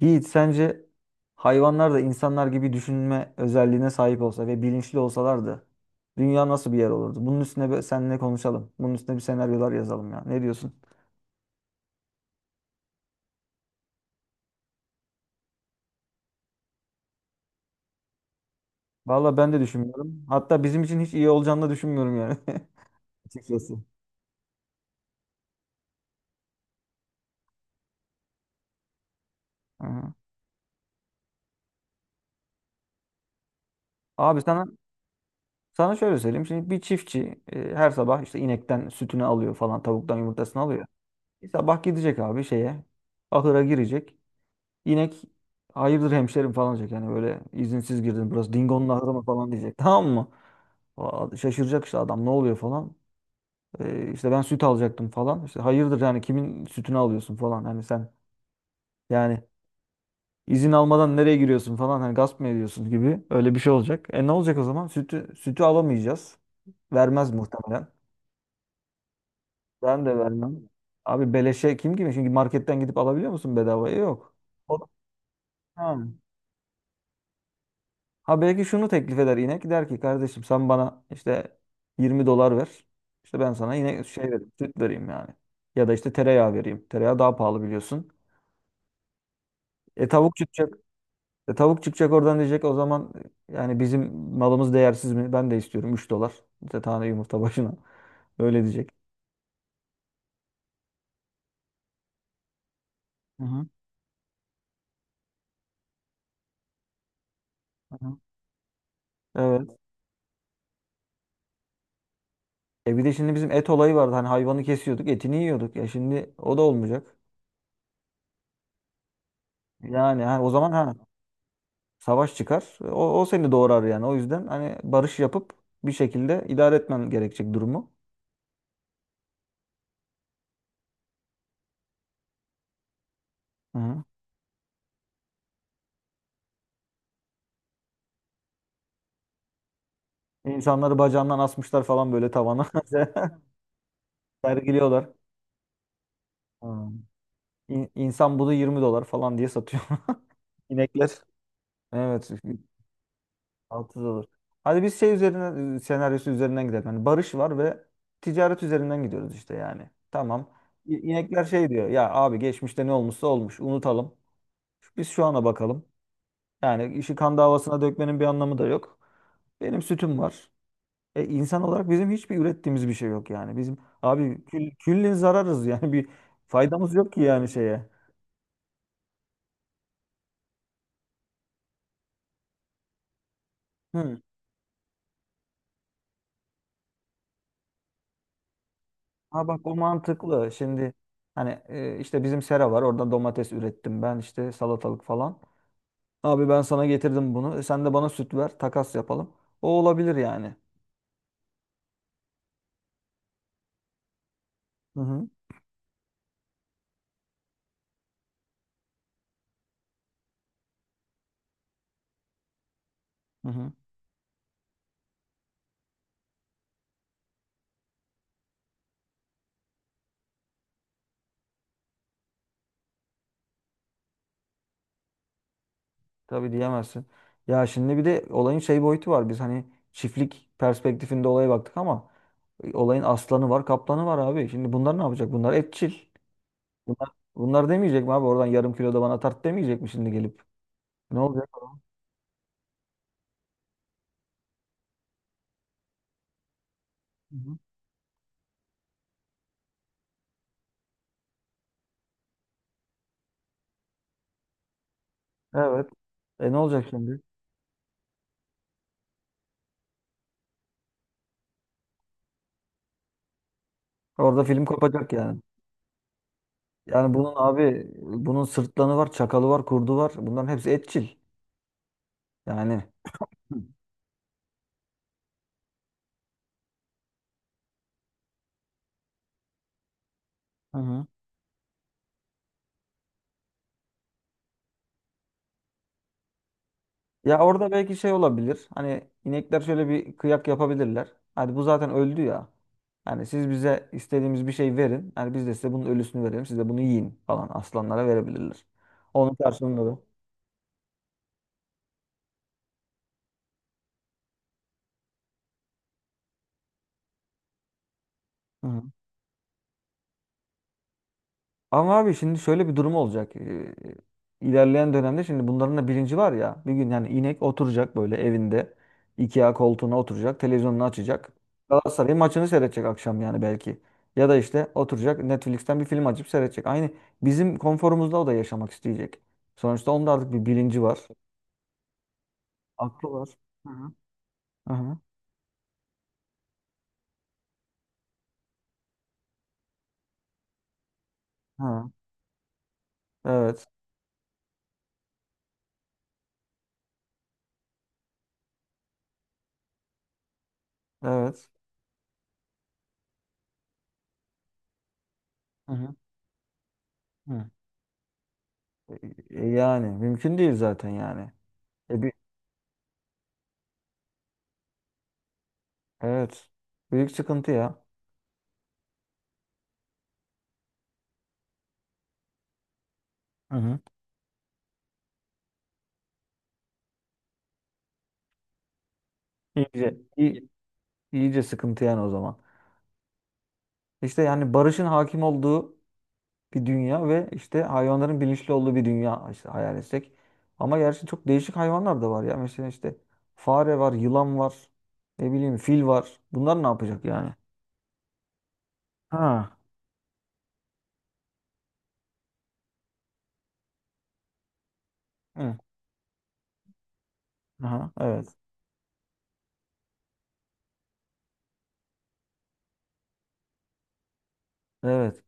Yiğit sence hayvanlar da insanlar gibi düşünme özelliğine sahip olsa ve bilinçli olsalardı dünya nasıl bir yer olurdu? Bunun üstüne bir seninle konuşalım. Bunun üstüne bir senaryolar yazalım ya. Ne diyorsun? Valla ben de düşünmüyorum. Hatta bizim için hiç iyi olacağını da düşünmüyorum yani. Açıkçası. Aha. Abi sana şöyle söyleyeyim. Şimdi bir çiftçi her sabah işte inekten sütünü alıyor falan, tavuktan yumurtasını alıyor. Bir sabah gidecek abi şeye, ahıra girecek. İnek hayırdır hemşerim falan diyecek. Yani böyle izinsiz girdin burası Dingo'nun ahırı mı falan diyecek. Tamam mı? Aa, şaşıracak işte adam ne oluyor falan. İşte ben süt alacaktım falan. İşte hayırdır yani kimin sütünü alıyorsun falan. Hani sen yani izin almadan nereye giriyorsun falan. Hani gasp mı ediyorsun gibi öyle bir şey olacak. E ne olacak o zaman? Sütü alamayacağız. Vermez muhtemelen. Ben de vermem. Abi beleşe kim gibi? Çünkü marketten gidip alabiliyor musun bedavaya? Yok. O- Ha. Ha belki şunu teklif eder inek. Der ki kardeşim sen bana işte 20 dolar ver. İşte ben sana yine şey vereyim, süt vereyim yani. Ya da işte tereyağı vereyim. Tereyağı daha pahalı biliyorsun. E tavuk çıkacak. E tavuk çıkacak oradan diyecek o zaman yani bizim malımız değersiz mi? Ben de istiyorum 3 dolar. İşte tane yumurta başına. Öyle diyecek. Hı hı. Hı hı. Evet. E bir de şimdi bizim et olayı vardı. Hani hayvanı kesiyorduk, etini yiyorduk. Ya şimdi o da olmayacak. Yani ha, o zaman ha savaş çıkar. O seni doğrar yani. O yüzden hani barış yapıp bir şekilde idare etmen gerekecek durumu. Hı. Hı. İnsanları bacağından asmışlar falan böyle tavana. Sergiliyorlar. Hı. İnsan budu 20 dolar falan diye satıyor. İnekler. Evet. 6 dolar. Hadi biz şey üzerine senaryosu üzerinden gidelim. Yani barış var ve ticaret üzerinden gidiyoruz işte yani. Tamam. İnekler şey diyor. Ya abi geçmişte ne olmuşsa olmuş. Unutalım. Biz şu ana bakalım. Yani işi kan davasına dökmenin bir anlamı da yok. Benim sütüm var. E, insan olarak bizim hiçbir ürettiğimiz bir şey yok yani. Bizim abi küllin zararız yani bir faydamız yok ki yani şeye. Hı. Ha bak o mantıklı. Şimdi hani işte bizim sera var. Oradan domates ürettim ben işte salatalık falan. Abi ben sana getirdim bunu. E, sen de bana süt ver. Takas yapalım. O olabilir yani. Hı hı. Hı hı. Tabii diyemezsin. Ya şimdi bir de olayın şey boyutu var. Biz hani çiftlik perspektifinde olaya baktık ama olayın aslanı var, kaplanı var abi. Şimdi bunlar ne yapacak? Bunlar etçil. Bunlar, bunlar demeyecek mi abi? Oradan yarım kilo da bana tart demeyecek mi şimdi gelip? Ne olacak? Hı hı. Evet. E ne olacak şimdi? Orada film kopacak yani. Yani bunun abi bunun sırtlanı var, çakalı var, kurdu var. Bunların hepsi etçil. Yani. Hı. Hı. Ya orada belki şey olabilir. Hani inekler şöyle bir kıyak yapabilirler. Hadi bu zaten öldü ya. Yani siz bize istediğimiz bir şey verin. Yani biz de size bunun ölüsünü verelim. Siz de bunu yiyin falan aslanlara verebilirler. Onun karşılığında da. Ama abi şimdi şöyle bir durum olacak. İlerleyen dönemde şimdi bunların da bilinci var ya. Bir gün yani inek oturacak böyle evinde. IKEA koltuğuna oturacak. Televizyonunu açacak. Galatasaray maçını seyredecek akşam yani belki. Ya da işte oturacak Netflix'ten bir film açıp seyredecek. Aynı bizim konforumuzda o da yaşamak isteyecek. Sonuçta onun da artık bir bilinci var. Aklı var. Hı hı. Hı hı. Hı. Evet. Evet. Hı hı. Hı. E, yani mümkün değil zaten yani. E, bir- evet. Büyük sıkıntı ya. Hı hı. İyice, iyi- iyice sıkıntı yani o zaman. İşte yani barışın hakim olduğu bir dünya ve işte hayvanların bilinçli olduğu bir dünya işte hayal etsek. Ama gerçi çok değişik hayvanlar da var ya. Mesela işte fare var, yılan var, ne bileyim fil var. Bunlar ne yapacak yani? Ha. Hı. Aha, evet. Evet.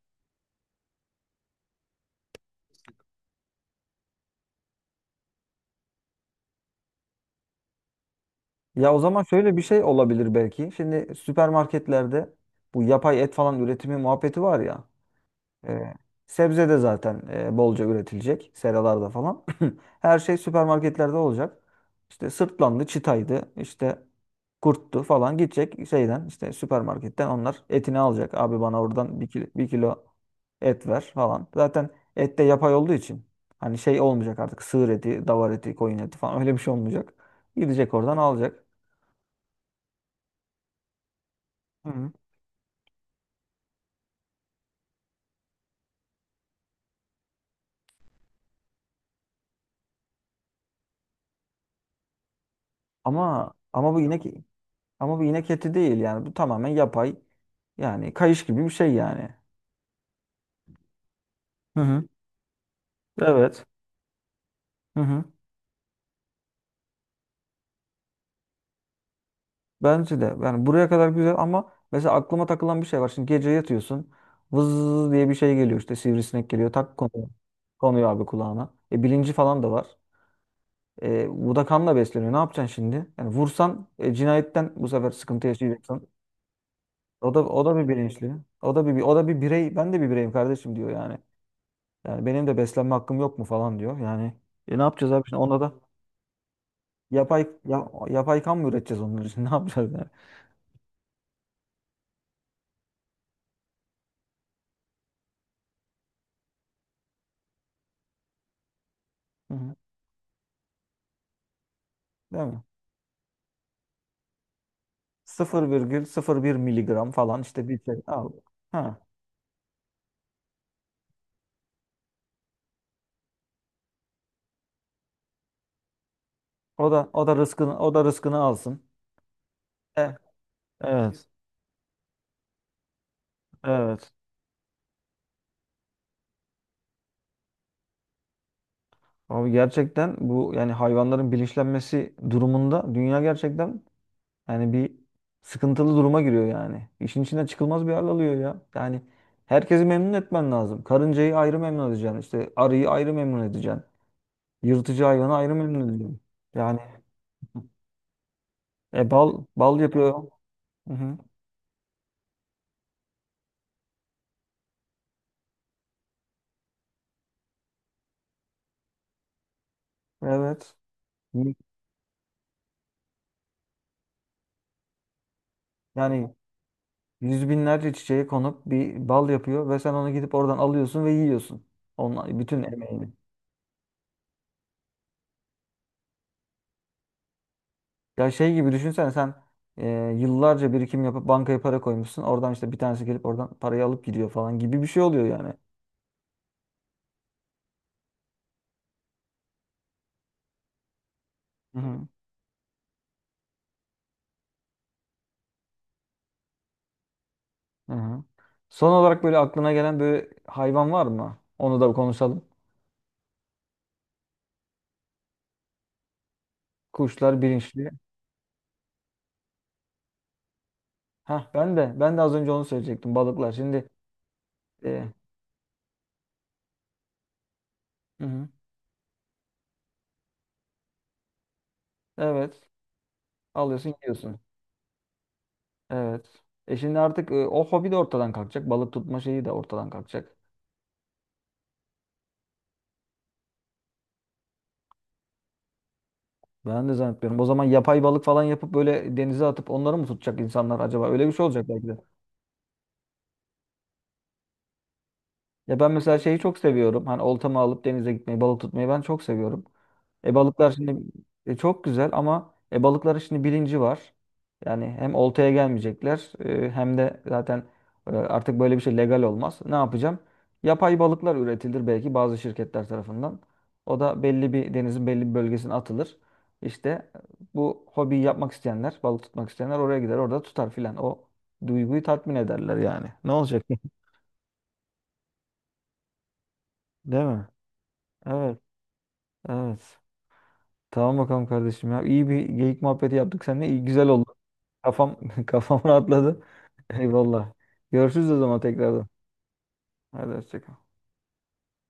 Ya o zaman şöyle bir şey olabilir belki. Şimdi süpermarketlerde bu yapay et falan üretimi muhabbeti var ya. Ee, Sebze de zaten bolca üretilecek. Seralarda falan. Her şey süpermarketlerde olacak. İşte sırtlandı, çitaydı, işte kurttu falan gidecek şeyden işte süpermarketten onlar etini alacak. Abi bana oradan bir kilo et ver falan. Zaten et de yapay olduğu için hani şey olmayacak artık sığır eti, davar eti, koyun eti falan öyle bir şey olmayacak. Gidecek oradan alacak. Hı. Hı. Ama ama bu inek ama bu inek eti değil yani bu tamamen yapay yani kayış gibi bir şey yani. Hı hı. Evet. Hı hı. Bence de. Yani buraya kadar güzel ama mesela aklıma takılan bir şey var. Şimdi gece yatıyorsun. Vız diye bir şey geliyor işte sivrisinek geliyor. Tak konuyor. Konuyor abi kulağına. E, bilinci falan da var. E, bu da kanla besleniyor. Ne yapacaksın şimdi? Yani vursan cinayetten bu sefer sıkıntı yaşayacaksın. O da bir bilinçli. O da bir birey. Ben de bir bireyim kardeşim diyor yani. Yani benim de beslenme hakkım yok mu falan diyor. Yani ne yapacağız abi şimdi? Ona da yapay kan mı üreteceğiz onlar için? Ne yapacağız yani? Hı hı. Değil mi? 0,01 miligram falan işte bir şey al. Ha. O da rızkını alsın. E, evet. Evet. Abi gerçekten bu yani hayvanların bilinçlenmesi durumunda dünya gerçekten yani bir sıkıntılı duruma giriyor yani. İşin içinden çıkılmaz bir hal alıyor ya. Yani herkesi memnun etmen lazım. Karıncayı ayrı memnun edeceksin. İşte arıyı ayrı memnun edeceksin. Yırtıcı hayvanı ayrı memnun edeceksin. Yani bal yapıyor. Hı hı. Evet. Yani yüz binlerce çiçeğe konup bir bal yapıyor ve sen onu gidip oradan alıyorsun ve yiyorsun. Onun bütün emeğini. Ya şey gibi düşünsen sen e, yıllarca birikim yapıp bankaya para koymuşsun. Oradan işte bir tanesi gelip oradan parayı alıp gidiyor falan gibi bir şey oluyor yani. Hı hı. Hı hı. Son olarak böyle aklına gelen böyle hayvan var mı? Onu da konuşalım. Kuşlar bilinçli. Ha ben de az önce onu söyleyecektim. Balıklar. Şimdi e, hı hı. Evet. Alıyorsun gidiyorsun. Evet. E şimdi artık o hobi de ortadan kalkacak. Balık tutma şeyi de ortadan kalkacak. Ben de zannetmiyorum. O zaman yapay balık falan yapıp böyle denize atıp onları mı tutacak insanlar acaba? Öyle bir şey olacak belki de. Ya ben mesela şeyi çok seviyorum. Hani oltamı alıp denize gitmeyi, balık tutmayı ben çok seviyorum. E balıklar şimdi çok güzel ama balıkların şimdi bilinci var. Yani hem oltaya gelmeyecekler hem de zaten artık böyle bir şey legal olmaz. Ne yapacağım? Yapay balıklar üretilir belki bazı şirketler tarafından. O da belli bir denizin belli bir bölgesine atılır. İşte e, bu hobiyi yapmak isteyenler, balık tutmak isteyenler oraya gider, orada tutar filan. O duyguyu tatmin ederler yani. Ne olacak? Değil mi? Evet, evet. Tamam bakalım kardeşim ya. İyi bir geyik muhabbeti yaptık seninle. İyi, güzel oldu. Kafam kafam rahatladı. Eyvallah. Görüşürüz o zaman tekrardan. Hadi hoşça kal.